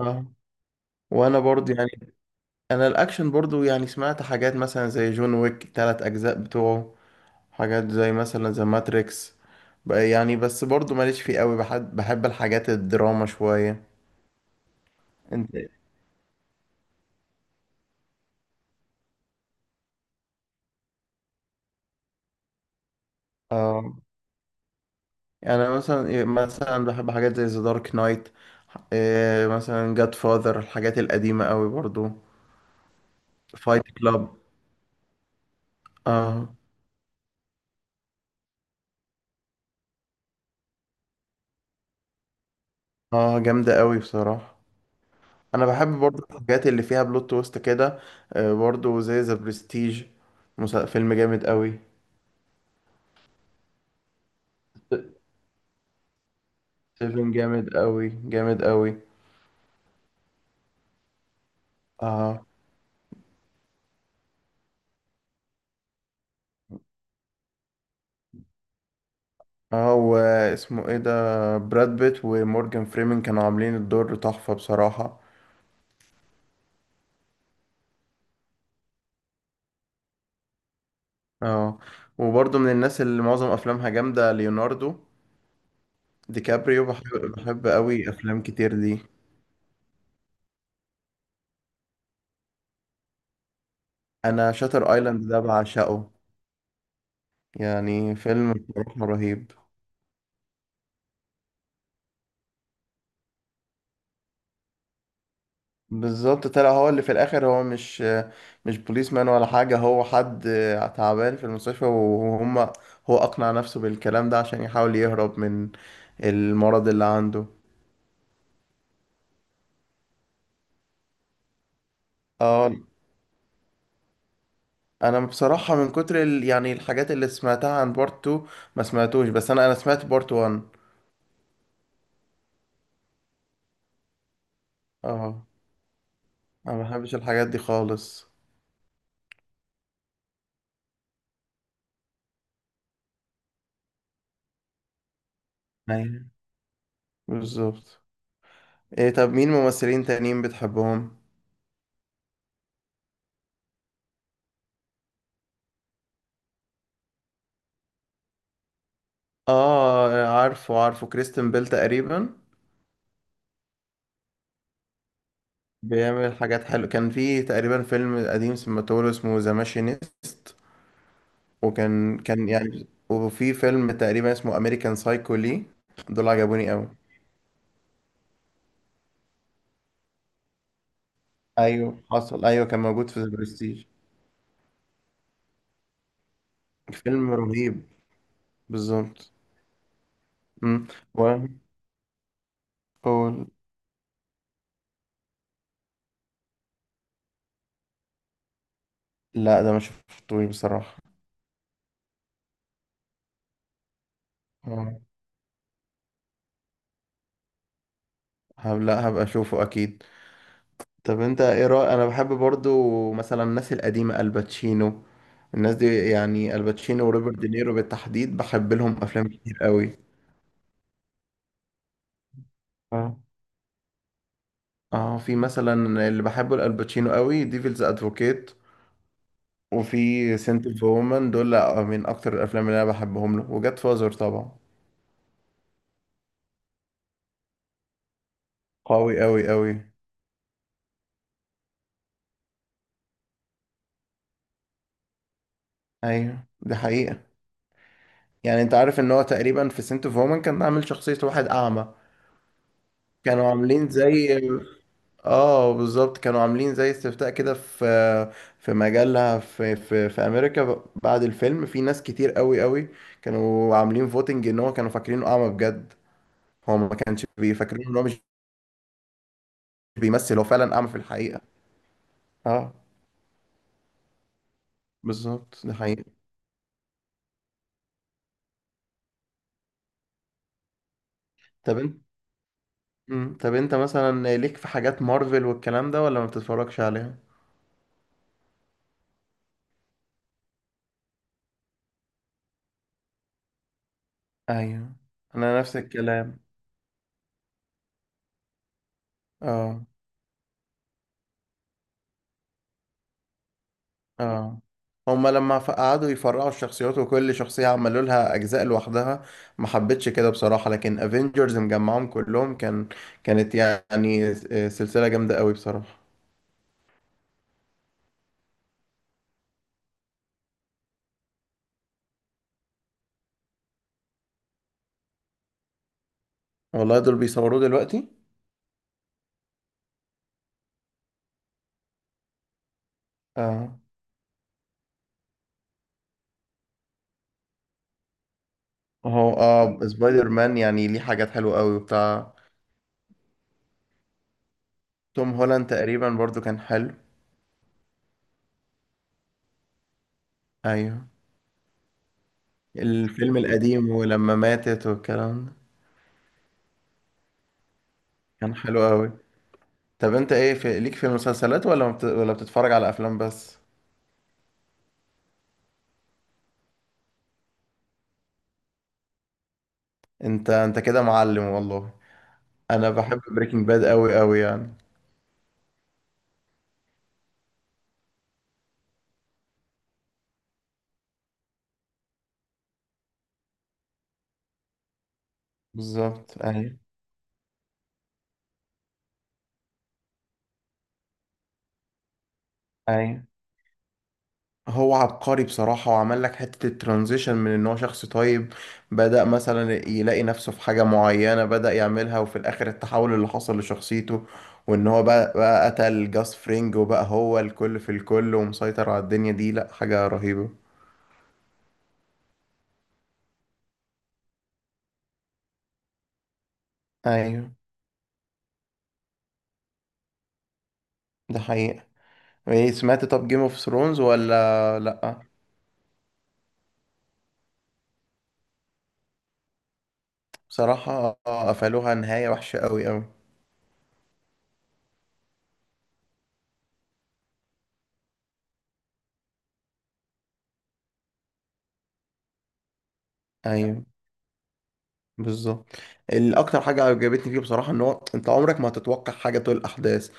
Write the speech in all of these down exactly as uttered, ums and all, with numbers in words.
اه. وانا برضو يعني انا الاكشن برضو يعني سمعت حاجات مثلا زي جون ويك تلات اجزاء بتوعه، حاجات زي مثلا زي ماتريكس بقى. يعني بس برضو ماليش فيه قوي، بحب بحب الحاجات الدراما شوية. انت إيه؟ اه، يعني أنا مثلا إيه، مثلا بحب حاجات زي ذا دارك نايت. إيه، مثلا جاد فاذر، الحاجات القديمة قوي برضو. فايت كلاب. اه. اه جامدة قوي بصراحة. انا بحب برضو الحاجات اللي فيها بلوت تويست كده. آه، برضو زي ذا برستيج. مسا- فيلم جامد قوي. سيفن جامد قوي، جامد قوي. اه. اه، واسمه ايه ده؟ براد بيت ومورجان فريمن كانوا عاملين الدور تحفة بصراحة. اه، وبرضو من الناس اللي معظم افلامها جامدة ليوناردو دي كابريو، بحب بحب قوي افلام كتير دي. انا شاتر ايلاند ده بعشقه، يعني فيلم بصراحة رهيب. بالظبط، طلع هو اللي في الاخر هو مش مش بوليس مان ولا حاجه، هو حد تعبان في المستشفى وهم، هو اقنع نفسه بالكلام ده عشان يحاول يهرب من المرض اللي عنده. اه. انا بصراحه من كتر ال... يعني الحاجات اللي سمعتها عن بارت اتنين ما سمعتوش، بس انا انا سمعت بارت واحد. اه، انا ما بحبش الحاجات دي خالص. ايوه، بالظبط. ايه، طب مين ممثلين تانيين بتحبهم؟ اه، عارفه عارفه كريستن بيل تقريبا. بيعمل حاجات حلوة، كان في تقريبا فيلم قديم سمعته اسمه ذا ماشينيست، وكان كان يعني، وفي فيلم تقريبا اسمه امريكان سايكو. لي دول عجبوني قوي. ايوه حصل، ايوه كان موجود في ذا برستيج. فيلم رهيب. بالظبط. امم. و أقول- لا ده ما شفتوش بصراحة. آه. هب... لا هبقى اشوفه اكيد. طب انت ايه رأي؟ انا بحب برضو مثلا الناس القديمة، الباتشينو، الناس دي، يعني الباتشينو وروبرت دينيرو بالتحديد بحب لهم افلام كتير قوي. اه اه، في مثلا اللي بحبه الالباتشينو قوي ديفلز ادفوكيت، وفي سنت اوف وومن، دول من اكتر الافلام اللي انا بحبهم له، وجاد فازر طبعا. قوي قوي قوي. ايوه دي حقيقة. يعني انت عارف ان هو تقريبا في سنت اوف وومن كان عامل شخصية واحد اعمى؟ كانوا عاملين زي، اه بالظبط، كانوا عاملين زي استفتاء كده في في مجلة في في في امريكا، ب- بعد الفيلم في ناس كتير قوي قوي كانوا عاملين فوتنج ان هو كانوا فاكرينه اعمى بجد، هو ما كانش بيفكرين ان هو مش بيمثل، هو فعلا اعمى في الحقيقة. اه بالظبط، ده حقيقي. طب انت مم. طب انت مثلا ليك في حاجات مارفل والكلام ده ولا ما بتتفرجش عليها؟ ايوه، انا نفس الكلام. اه اه، هما لما ف- قعدوا يفرعوا الشخصيات وكل شخصية عملوا لها أجزاء لوحدها، ما حبيتش كده بصراحة. لكن افنجرز مجمعهم كلهم كان، كانت يعني س- سلسلة جامدة قوي بصراحة. والله دول بيصوروه دلوقتي. اه. هو اه سبايدر مان يعني ليه حاجات حلوة قوي وبتاع. توم هولاند تقريبا برضو كان حلو. ايوه، الفيلم القديم ولما ماتت والكلام ده، كان حلو قوي. طب انت ايه، في ليك في المسلسلات ولا ما بت... ولا بتتفرج على افلام بس؟ انت انت كده معلم والله. انا بحب بريكنج باد قوي قوي يعني. بالظبط. ايوه ايوه. هو عبقري بصراحة، وعمل لك حتة الترانزيشن من ان هو شخص طيب بدأ مثلا يلاقي نفسه في حاجة معينة بدأ يعملها، وفي الاخر التحول اللي حصل لشخصيته، وان هو بقى, بقى قتل جاس فرينج وبقى هو الكل في الكل ومسيطر على الدنيا دي، لا حاجة رهيبة. ايوه، ده حقيقة. ايه، سمعت طب جيم اوف ثرونز ولا لا؟ بصراحة آه، قفلوها نهاية وحشة قوي قوي. ايوه بالظبط. الاكتر حاجه عجبتني فيه بصراحه ان هو انت عمرك ما هتتوقع حاجه طول الاحداث.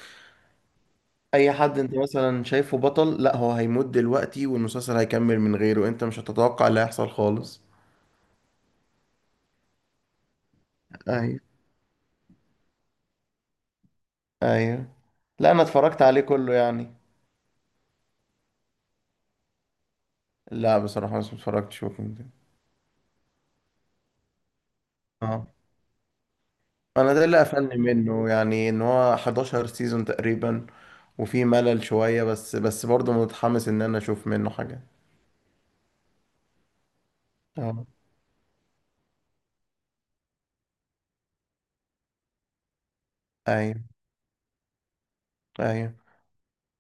اي حد انت مثلا شايفه بطل، لا هو هيموت دلوقتي والمسلسل هيكمل من غيره، انت مش هتتوقع اللي هيحصل خالص. ايوه ايوه. لا انا اتفرجت عليه كله يعني. لا بصراحه بس ما اتفرجتش وكنت. اه، انا ده اللي قفلني منه، يعني ان هو حداشر سيزون تقريبا وفي ملل شويه، بس بس برضه متحمس ان انا اشوف منه حاجه. اه. ايوه ايوه.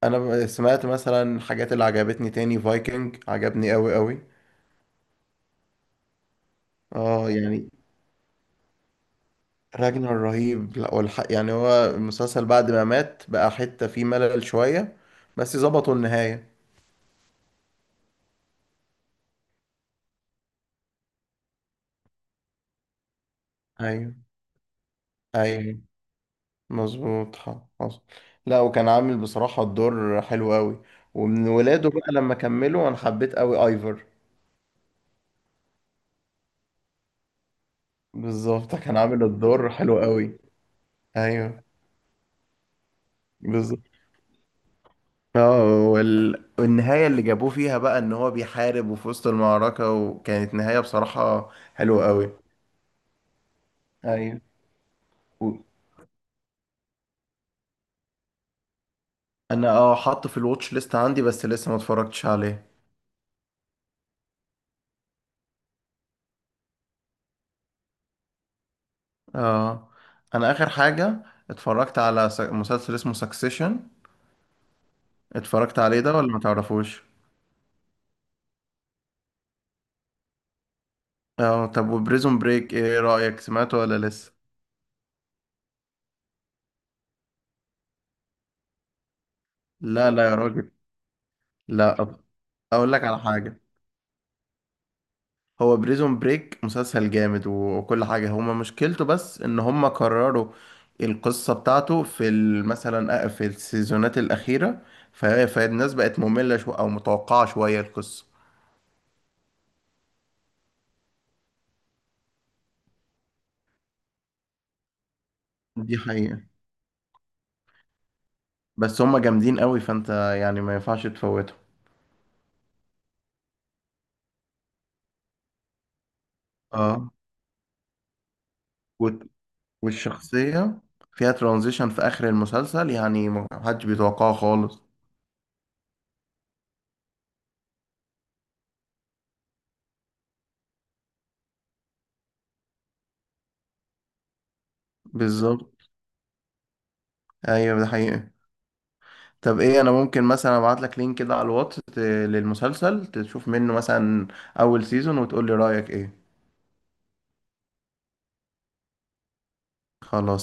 انا سمعت مثلا الحاجات اللي عجبتني تاني فايكنج، عجبني قوي قوي. اه يعني، راجنر رهيب. لا والحق يعني هو المسلسل بعد ما مات بقى حتة فيه ملل شوية، بس ظبطوا النهاية. ايوه ايوه، مظبوط ح- حصل. لا وكان عامل بصراحة الدور حلو قوي. ومن ولاده بقى لما كملوا انا حبيت قوي ايفر. بالظبط، كان عامل الدور حلو قوي. ايوه بالظبط. اه، وال... والنهاية اللي جابوه فيها بقى ان هو بيحارب وفي وسط المعركة، وكانت نهاية بصراحة حلوة قوي. ايوه. و- انا اه حاطه في الواتش ليست عندي بس لسه ما اتفرجتش عليه. اه، انا اخر حاجة اتفرجت على س- مسلسل اسمه سكسيشن، اتفرجت عليه ده ولا ما تعرفوش؟ اه، طب وبريزون بريك ايه رأيك، سمعته ولا لسه؟ لا لا يا راجل. لا أب- اقول لك على حاجة. هو بريزون بريك مسلسل جامد، و- وكل حاجة، هما مشكلته بس ان هما كرروا القصة بتاعته في ال- مثلا أ- في السيزونات الأخيرة، ف- فالناس بقت مملة شو او متوقعة شوية القصة. دي حقيقة. بس هما جامدين قوي فانت يعني ما ينفعش تفوتهم. اه. وال- والشخصية فيها ترانزيشن في آخر المسلسل يعني محدش بيتوقعه خالص. بالظبط. ايوه ده حقيقة. طب ايه، انا ممكن مثلا ابعت لك لينك كده على الواتس ت- للمسلسل تشوف منه مثلا اول سيزون وتقول لي رايك ايه؟ خلاص.